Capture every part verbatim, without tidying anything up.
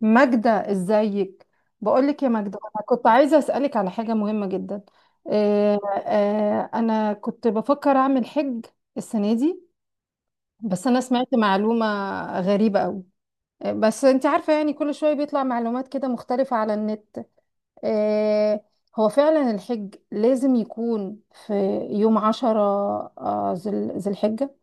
ماجدة، ازيك؟ بقولك يا ماجدة، انا كنت عايزة اسألك على حاجة مهمة جدا. آه، آه، انا كنت بفكر اعمل حج السنة دي، بس انا سمعت معلومة غريبة قوي. آه، بس انت عارفة، يعني كل شوية بيطلع معلومات كده مختلفة على النت. آه، هو فعلا الحج لازم يكون في يوم عشرة آه، ذي ذي الحجة؟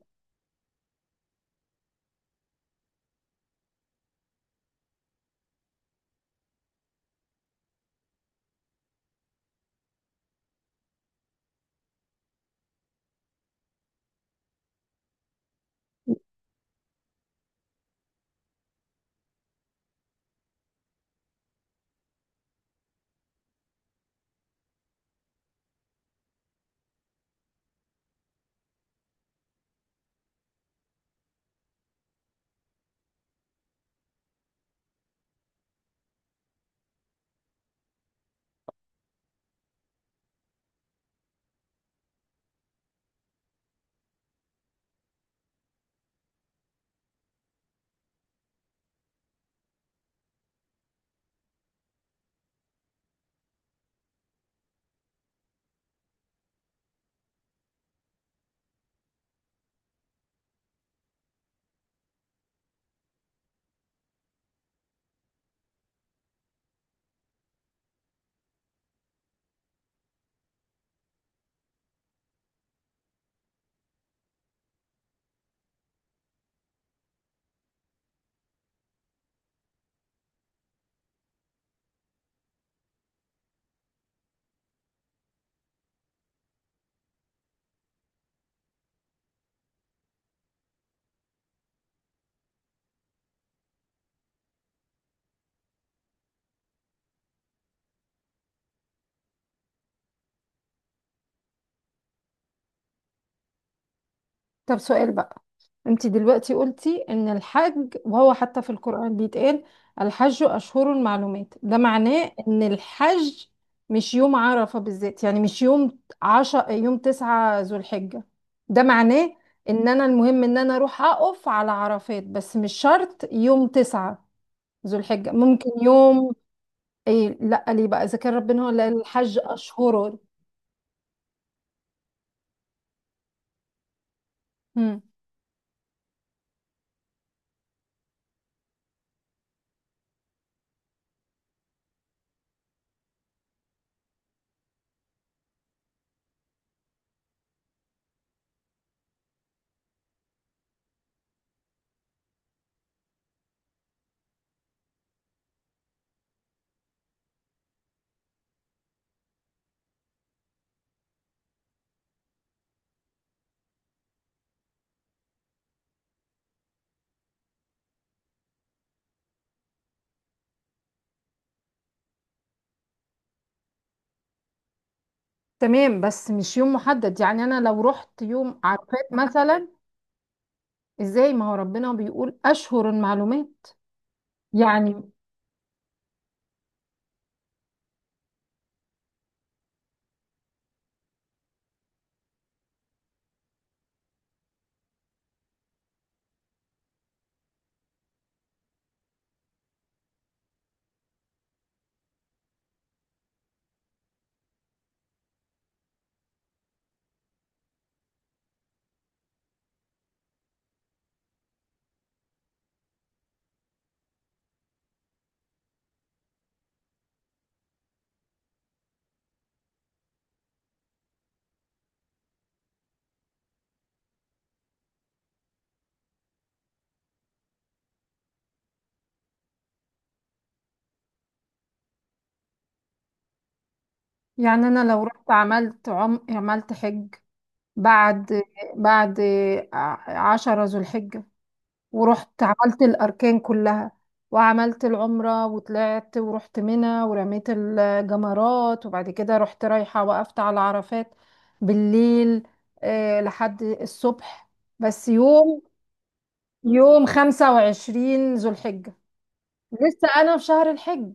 طب سؤال بقى. انت دلوقتي قلتي ان الحج وهو حتى في القرآن بيتقال الحج اشهر المعلومات، ده معناه ان الحج مش يوم عرفة بالذات، يعني مش يوم عشر يوم تسعة ذو الحجة. ده معناه ان انا المهم ان انا اروح اقف على عرفات، بس مش شرط يوم تسعة ذو الحجة، ممكن يوم ايه؟ لا، ليه بقى اذا كان ربنا هو اللي قال الحج اشهر؟ مم. تمام، بس مش يوم محدد، يعني انا لو رحت يوم عرفات مثلا؟ ازاي؟ ما هو ربنا بيقول اشهر المعلومات. يعني يعني انا لو رحت عملت عم عملت حج بعد بعد ع- عشرة ذو الحجة، ورحت عملت الاركان كلها وعملت العمرة وطلعت ورحت منى ورميت الجمرات، وبعد كده رحت رايحة وقفت على عرفات بالليل آه، لحد الصبح، بس يوم يوم خمسة وعشرين ذو الحجة، لسه أنا في شهر الحج؟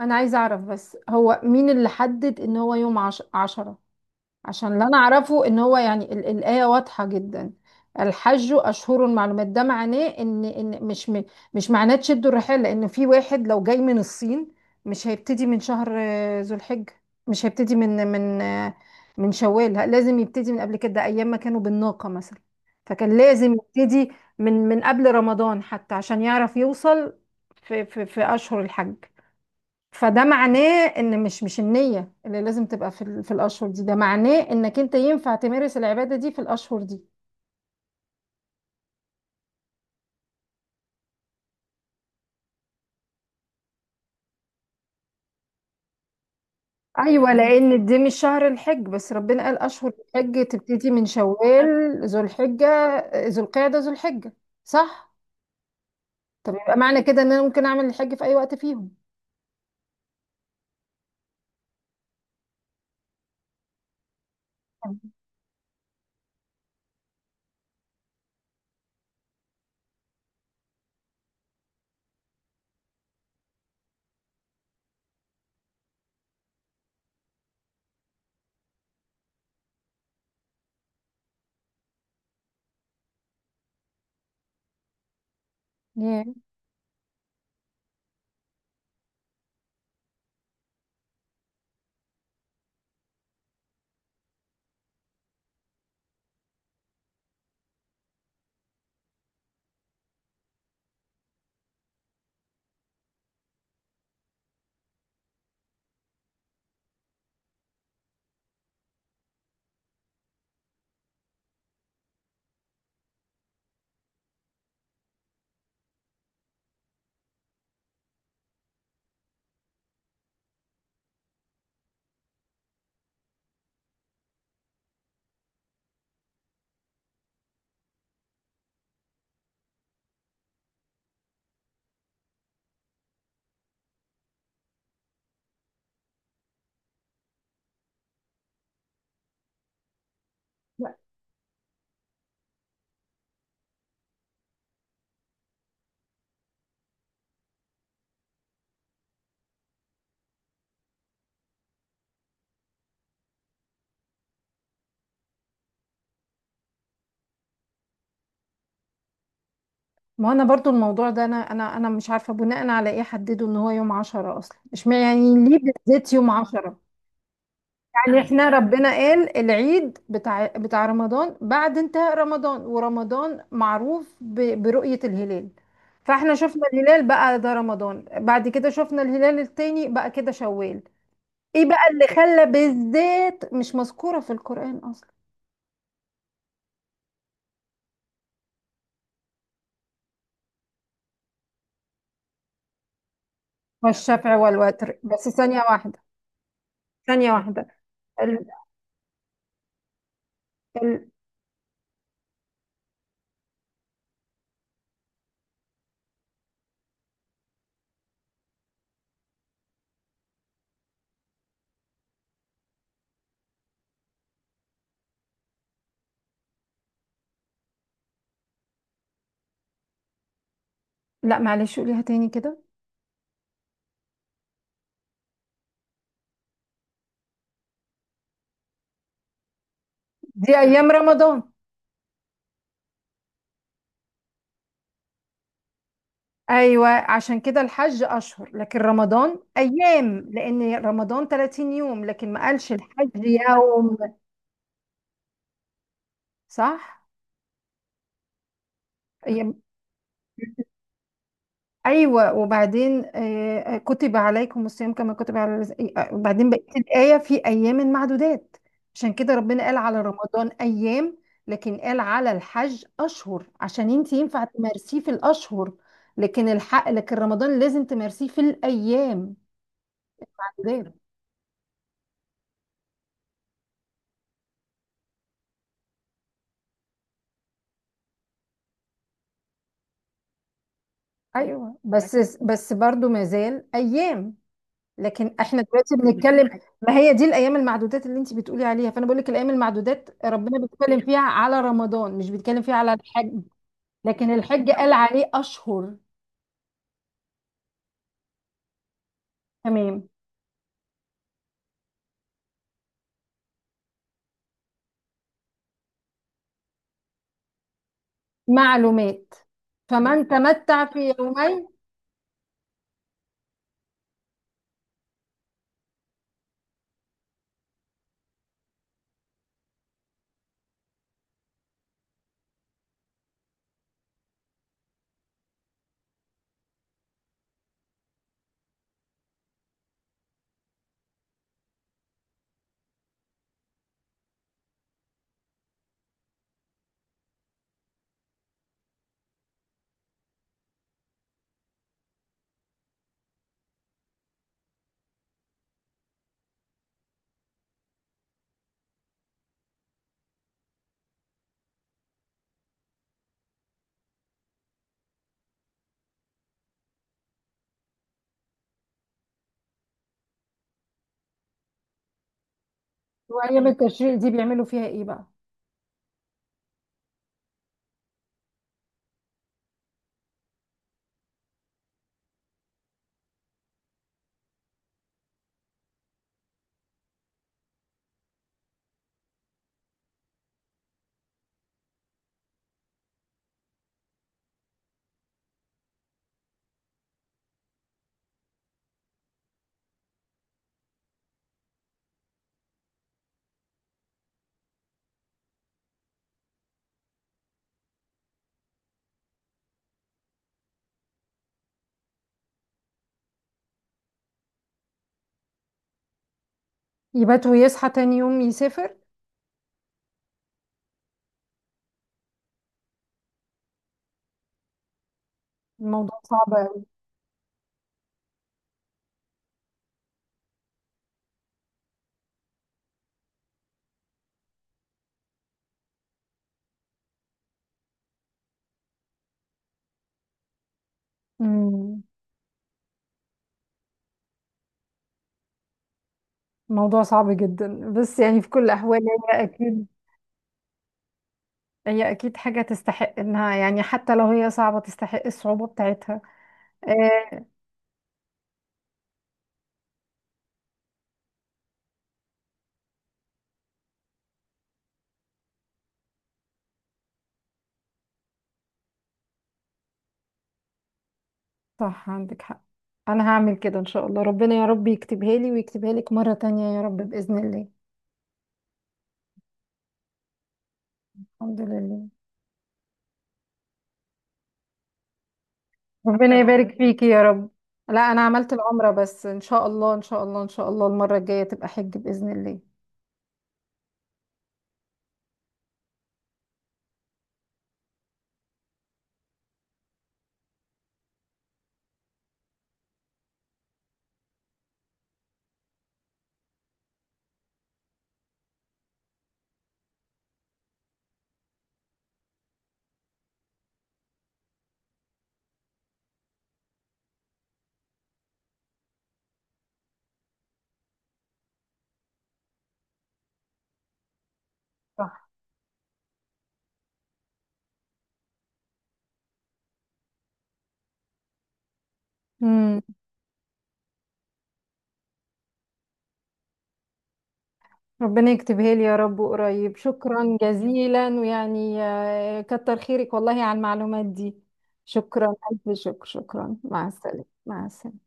انا عايزه اعرف، بس هو مين اللي حدد ان هو يوم عش... عشرة؟ عشان اللي انا اعرفه ان هو يعني ال... الايه واضحه جدا. الحج اشهر معلومات، ده معناه ان ان مش م... مش معناه تشدوا الرحال. لان في واحد لو جاي من الصين، مش هيبتدي من شهر آه، ذو الحجه، مش هيبتدي من من آه، من شوال، ه- لازم يبتدي من قبل كده، ايام ما كانوا بالناقه مثلا. فكان لازم يبتدي من من قبل رمضان حتى عشان يعرف يوصل في في, في اشهر الحج. فده معناه ان مش مش النية اللي لازم تبقى في ال- في الاشهر دي، ده معناه انك انت ينفع تمارس العبادة دي في الاشهر دي. ايوه، لان دي مش شهر الحج، بس ربنا قال اشهر الحج تبتدي من شوال ذو الحجة. ذو القعدة، ذو الحجة، صح. طب يبقى معنى كده ان انا ممكن اعمل الحج في اي وقت فيهم؟ ياه. لا. ما انا برضو الموضوع ده، انا انا انا مش عارفه بناء على ايه حددوا ان هو يوم عشرة اصلا، مش مع- يعني ليه بالذات يوم عشرة؟ يعني احنا ربنا قال العيد بتاع بتاع رمضان بعد انتهاء رمضان، ورمضان معروف ب- برؤية الهلال. فاحنا شفنا الهلال بقى ده رمضان، بعد كده شفنا الهلال التاني بقى كده شوال. ايه بقى اللي خلى بالذات مش مذكورة في القرآن اصلا؟ والشفع والوتر، بس ثانية واحدة. ثانية واحدة. ال... ال... لا معلش، قوليها تاني كده. دي ايام رمضان. ايوه، عشان كده الحج اشهر لكن رمضان ايام، لان رمضان ثلاثين يوم لكن ما قالش الحج يوم. صح. أيام. ايوه، وبعدين آه، آه، كتب عليكم الصيام كما كتب على الذ- آه، آه، وبعدين بقيه الايه في ايام معدودات. عشان كده ربنا قال على رمضان ايام، لكن قال على الحج اشهر، عشان انت ينفع تمارسيه في الاشهر، لكن الحق، لكن رمضان لازم تمارسيه في الايام. معدودات. ايوه، بس بس برضو ما زال ايام، لكن احنا دلوقتي بنتكلم. ما هي دي الايام المعدودات اللي انت بتقولي عليها، فانا بقول لك الايام المعدودات ربنا بيتكلم فيها على رمضان، مش بيتكلم فيها على الحج، لكن الحج قال عليه اشهر. تمام. معلومات، فمن تمتع في يومين. وايام التشريق دي بيعملوا فيها ايه بقى؟ يبات ويصحى تاني يوم يسافر. الموضوع صعب قوي. الموضوع صعب جدا، بس يعني في كل الاحوال. هي اكيد. هي اكيد حاجة تستحق انها، يعني حتى لو هي صعبة تستحق الصعوبة بتاعتها. آه. صح، عندك حق. انا هعمل كده ان شاء الله، ربنا يا رب يكتبها لي ويكتبها لك مرة تانية يا رب بإذن الله. الحمد لله. ربنا تمام، يبارك فيكي يا رب. لا، انا عملت العمرة بس، ان شاء الله ان شاء الله ان شاء الله المرة الجاية تبقى حج بإذن الله. صح. امم. ربنا يكتبها لي يا رب قريب، شكرا جزيلا، ويعني آه، كتر خيرك والله على المعلومات دي. شكرا، ألف شكر، شكرا، مع السلامة، مع السلامة.